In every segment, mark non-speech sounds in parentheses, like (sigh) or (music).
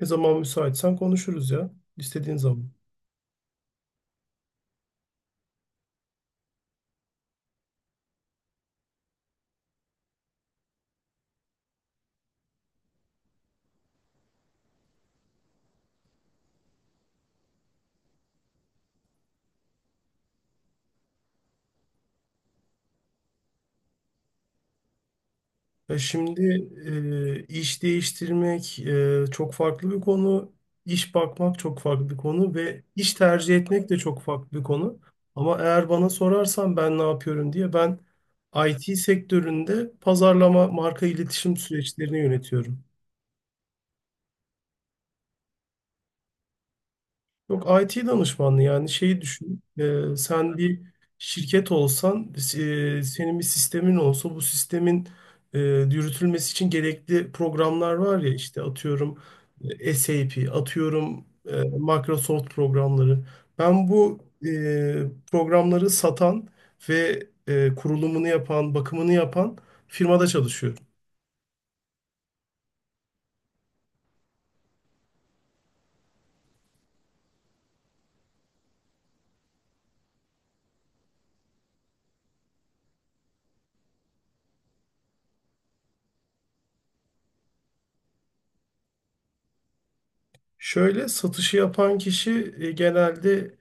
Ne zaman müsaitsen konuşuruz ya. İstediğin zaman. E şimdi iş değiştirmek çok farklı bir konu. İş bakmak çok farklı bir konu ve iş tercih etmek de çok farklı bir konu. Ama eğer bana sorarsan ben ne yapıyorum diye ben IT sektöründe pazarlama, marka iletişim süreçlerini yönetiyorum. Yok, IT danışmanlığı, yani şeyi düşün. Sen bir şirket olsan, senin bir sistemin olsa, bu sistemin yürütülmesi için gerekli programlar var ya, işte atıyorum SAP, atıyorum Microsoft programları. Ben bu e, programları satan ve kurulumunu yapan, bakımını yapan firmada çalışıyorum. Şöyle, satışı yapan kişi genelde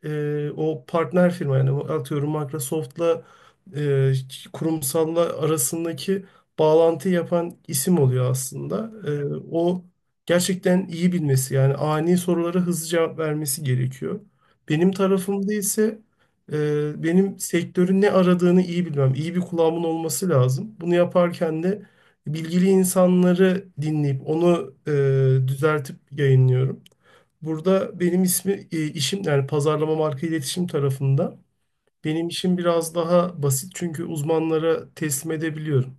o partner firma, yani o atıyorum Microsoft'la e, kurumsalla arasındaki bağlantı yapan isim oluyor aslında. O gerçekten iyi bilmesi, yani ani sorulara hızlı cevap vermesi gerekiyor. Benim tarafımda ise benim sektörün ne aradığını iyi bilmem, iyi bir kulağımın olması lazım. Bunu yaparken de bilgili insanları dinleyip onu düzeltip yayınlıyorum. Burada benim ismi işim yani pazarlama, marka iletişim tarafında. Benim işim biraz daha basit çünkü uzmanlara teslim edebiliyorum.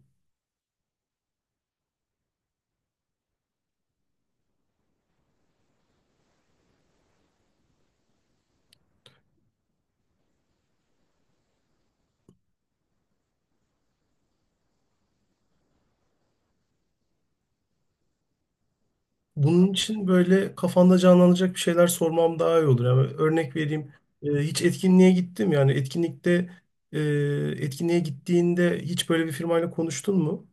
Bunun için böyle kafanda canlanacak bir şeyler sormam daha iyi olur. Yani örnek vereyim. Hiç etkinliğe gittim, yani etkinlikte e, etkinliğe gittiğinde hiç böyle bir firmayla konuştun mu?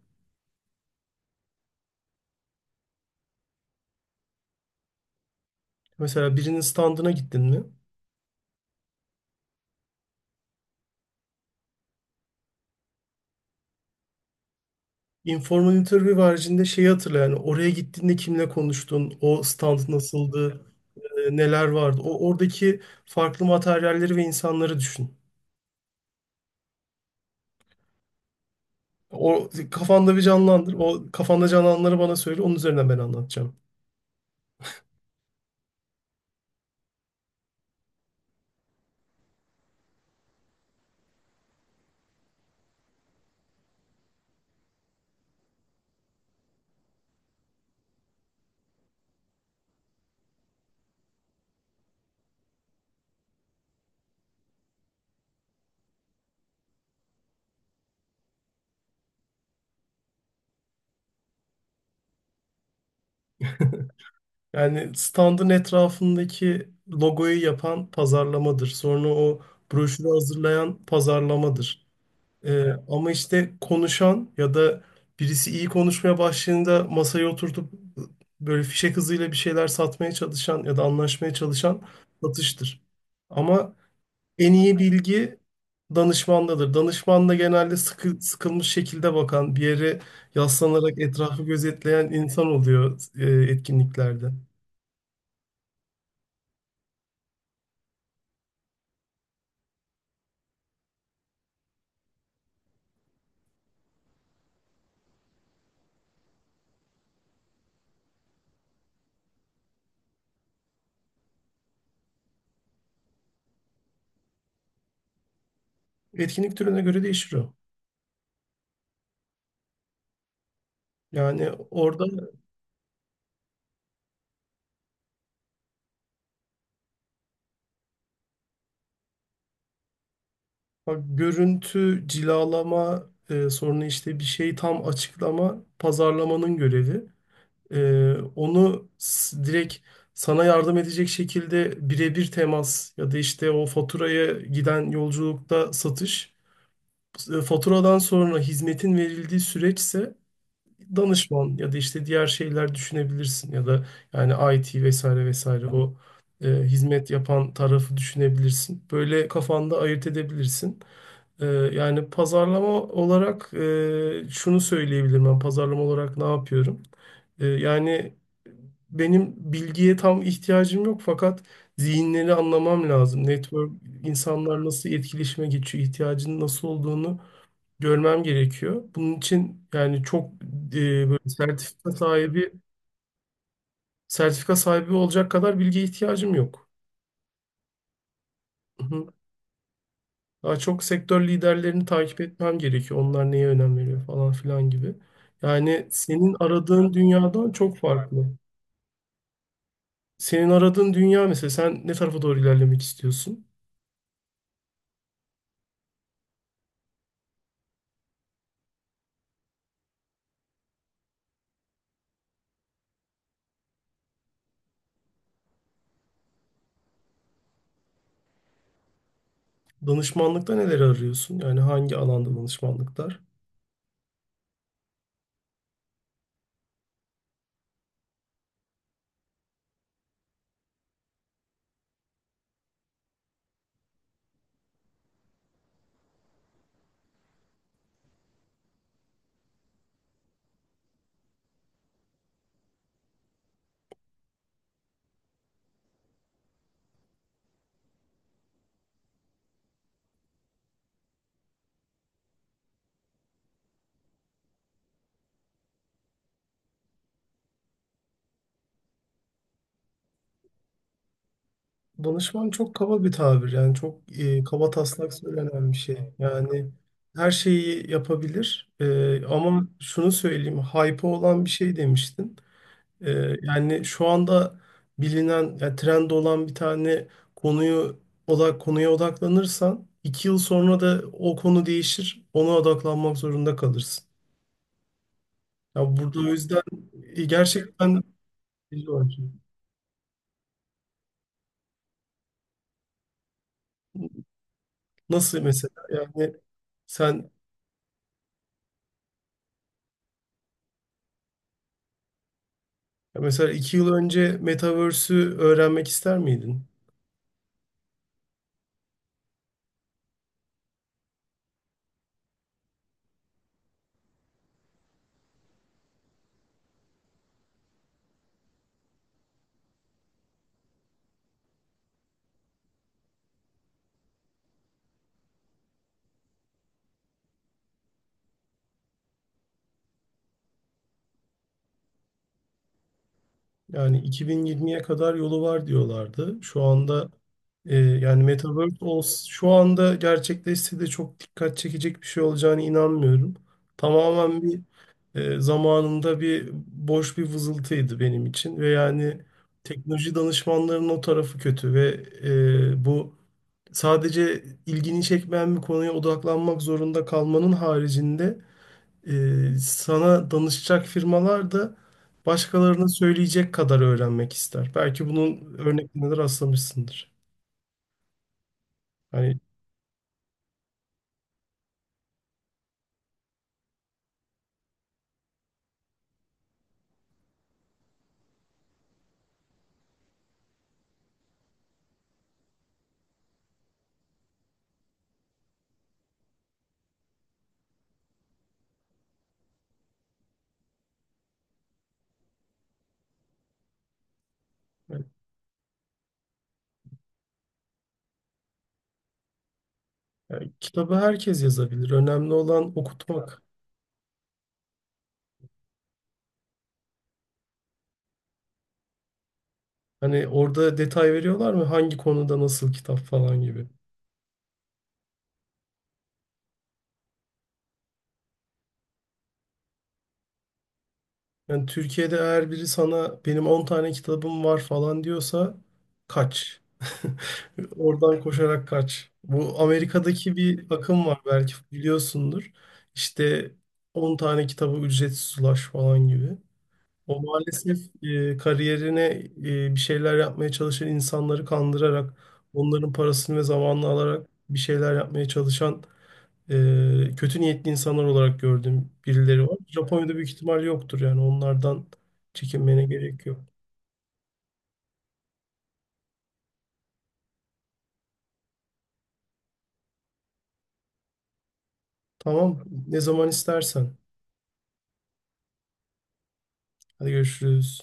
Mesela birinin standına gittin mi? Informal interview haricinde şeyi hatırla, yani oraya gittiğinde kimle konuştun? O stand nasıldı? Neler vardı. O oradaki farklı materyalleri ve insanları düşün. O kafanda bir canlandır. O kafanda canlananları bana söyle. Onun üzerinden ben anlatacağım. Yani standın etrafındaki logoyu yapan pazarlamadır. Sonra o broşürü hazırlayan pazarlamadır. Ama işte konuşan ya da birisi iyi konuşmaya başladığında masaya oturtup böyle fişek hızıyla bir şeyler satmaya çalışan ya da anlaşmaya çalışan satıştır. Ama En iyi bilgi danışmandadır. Danışman da genelde sıkılmış şekilde bakan, bir yere yaslanarak etrafı gözetleyen insan oluyor etkinliklerde. Etkinlik türüne göre değişir o. Yani orada bak, görüntü, cilalama, sonra işte bir şeyi tam açıklama, pazarlamanın görevi. Onu direkt sana yardım edecek şekilde birebir temas ya da işte o faturaya giden yolculukta satış. Faturadan sonra hizmetin verildiği süreçse danışman ya da işte diğer şeyler düşünebilirsin ya da yani IT vesaire vesaire, o hizmet yapan tarafı düşünebilirsin. Böyle kafanda ayırt edebilirsin. Yani pazarlama olarak şunu söyleyebilirim, ben pazarlama olarak ne yapıyorum? Yani benim bilgiye tam ihtiyacım yok, fakat zihinleri anlamam lazım. Network, insanlar nasıl etkileşime geçiyor, ihtiyacının nasıl olduğunu görmem gerekiyor. Bunun için, yani çok e, böyle sertifika sahibi, sertifika sahibi olacak kadar bilgiye ihtiyacım yok. Hı hı. Daha çok sektör liderlerini takip etmem gerekiyor. Onlar neye önem veriyor falan filan gibi. Yani senin aradığın dünyadan çok farklı. Senin aradığın dünya, mesela sen ne tarafa doğru ilerlemek istiyorsun? Danışmanlıkta neleri arıyorsun? Yani hangi alanda danışmanlıklar? Danışman çok kaba bir tabir, yani çok kaba taslak söylenen bir şey. Yani her şeyi yapabilir. Ama şunu söyleyeyim, hype olan bir şey demiştin. E, Yani şu anda bilinen, yani trend olan bir tane konuyu, odak konuya odaklanırsan 2 yıl sonra da o konu değişir, ona odaklanmak zorunda kalırsın. Ya, burada o yüzden gerçekten nasıl, mesela yani sen... Ya mesela 2 yıl önce Metaverse'ü öğrenmek ister miydin? Yani 2020'ye kadar yolu var diyorlardı. Şu anda yani Metaverse şu anda gerçekleşse de çok dikkat çekecek bir şey olacağına inanmıyorum. Tamamen bir zamanında bir boş bir vızıltıydı benim için, ve yani teknoloji danışmanlarının o tarafı kötü ve bu, sadece ilgini çekmeyen bir konuya odaklanmak zorunda kalmanın haricinde, sana danışacak firmalar da başkalarına söyleyecek kadar öğrenmek ister. Belki bunun örneklerine de rastlamışsındır. Hani, yani kitabı herkes yazabilir. Önemli olan okutmak. Hani orada detay veriyorlar mı? Hangi konuda nasıl kitap falan gibi. Yani Türkiye'de eğer biri sana benim 10 tane kitabım var falan diyorsa, kaç. (laughs) Oradan koşarak kaç. Bu Amerika'daki bir akım, var belki biliyorsundur. İşte 10 tane kitabı ücretsiz ulaş falan gibi. O maalesef kariyerine bir şeyler yapmaya çalışan insanları kandırarak, onların parasını ve zamanını alarak bir şeyler yapmaya çalışan kötü niyetli insanlar olarak gördüğüm birileri var. Japonya'da büyük ihtimal yoktur, yani onlardan çekinmene gerek yok. Tamam, ne zaman istersen. Hadi görüşürüz.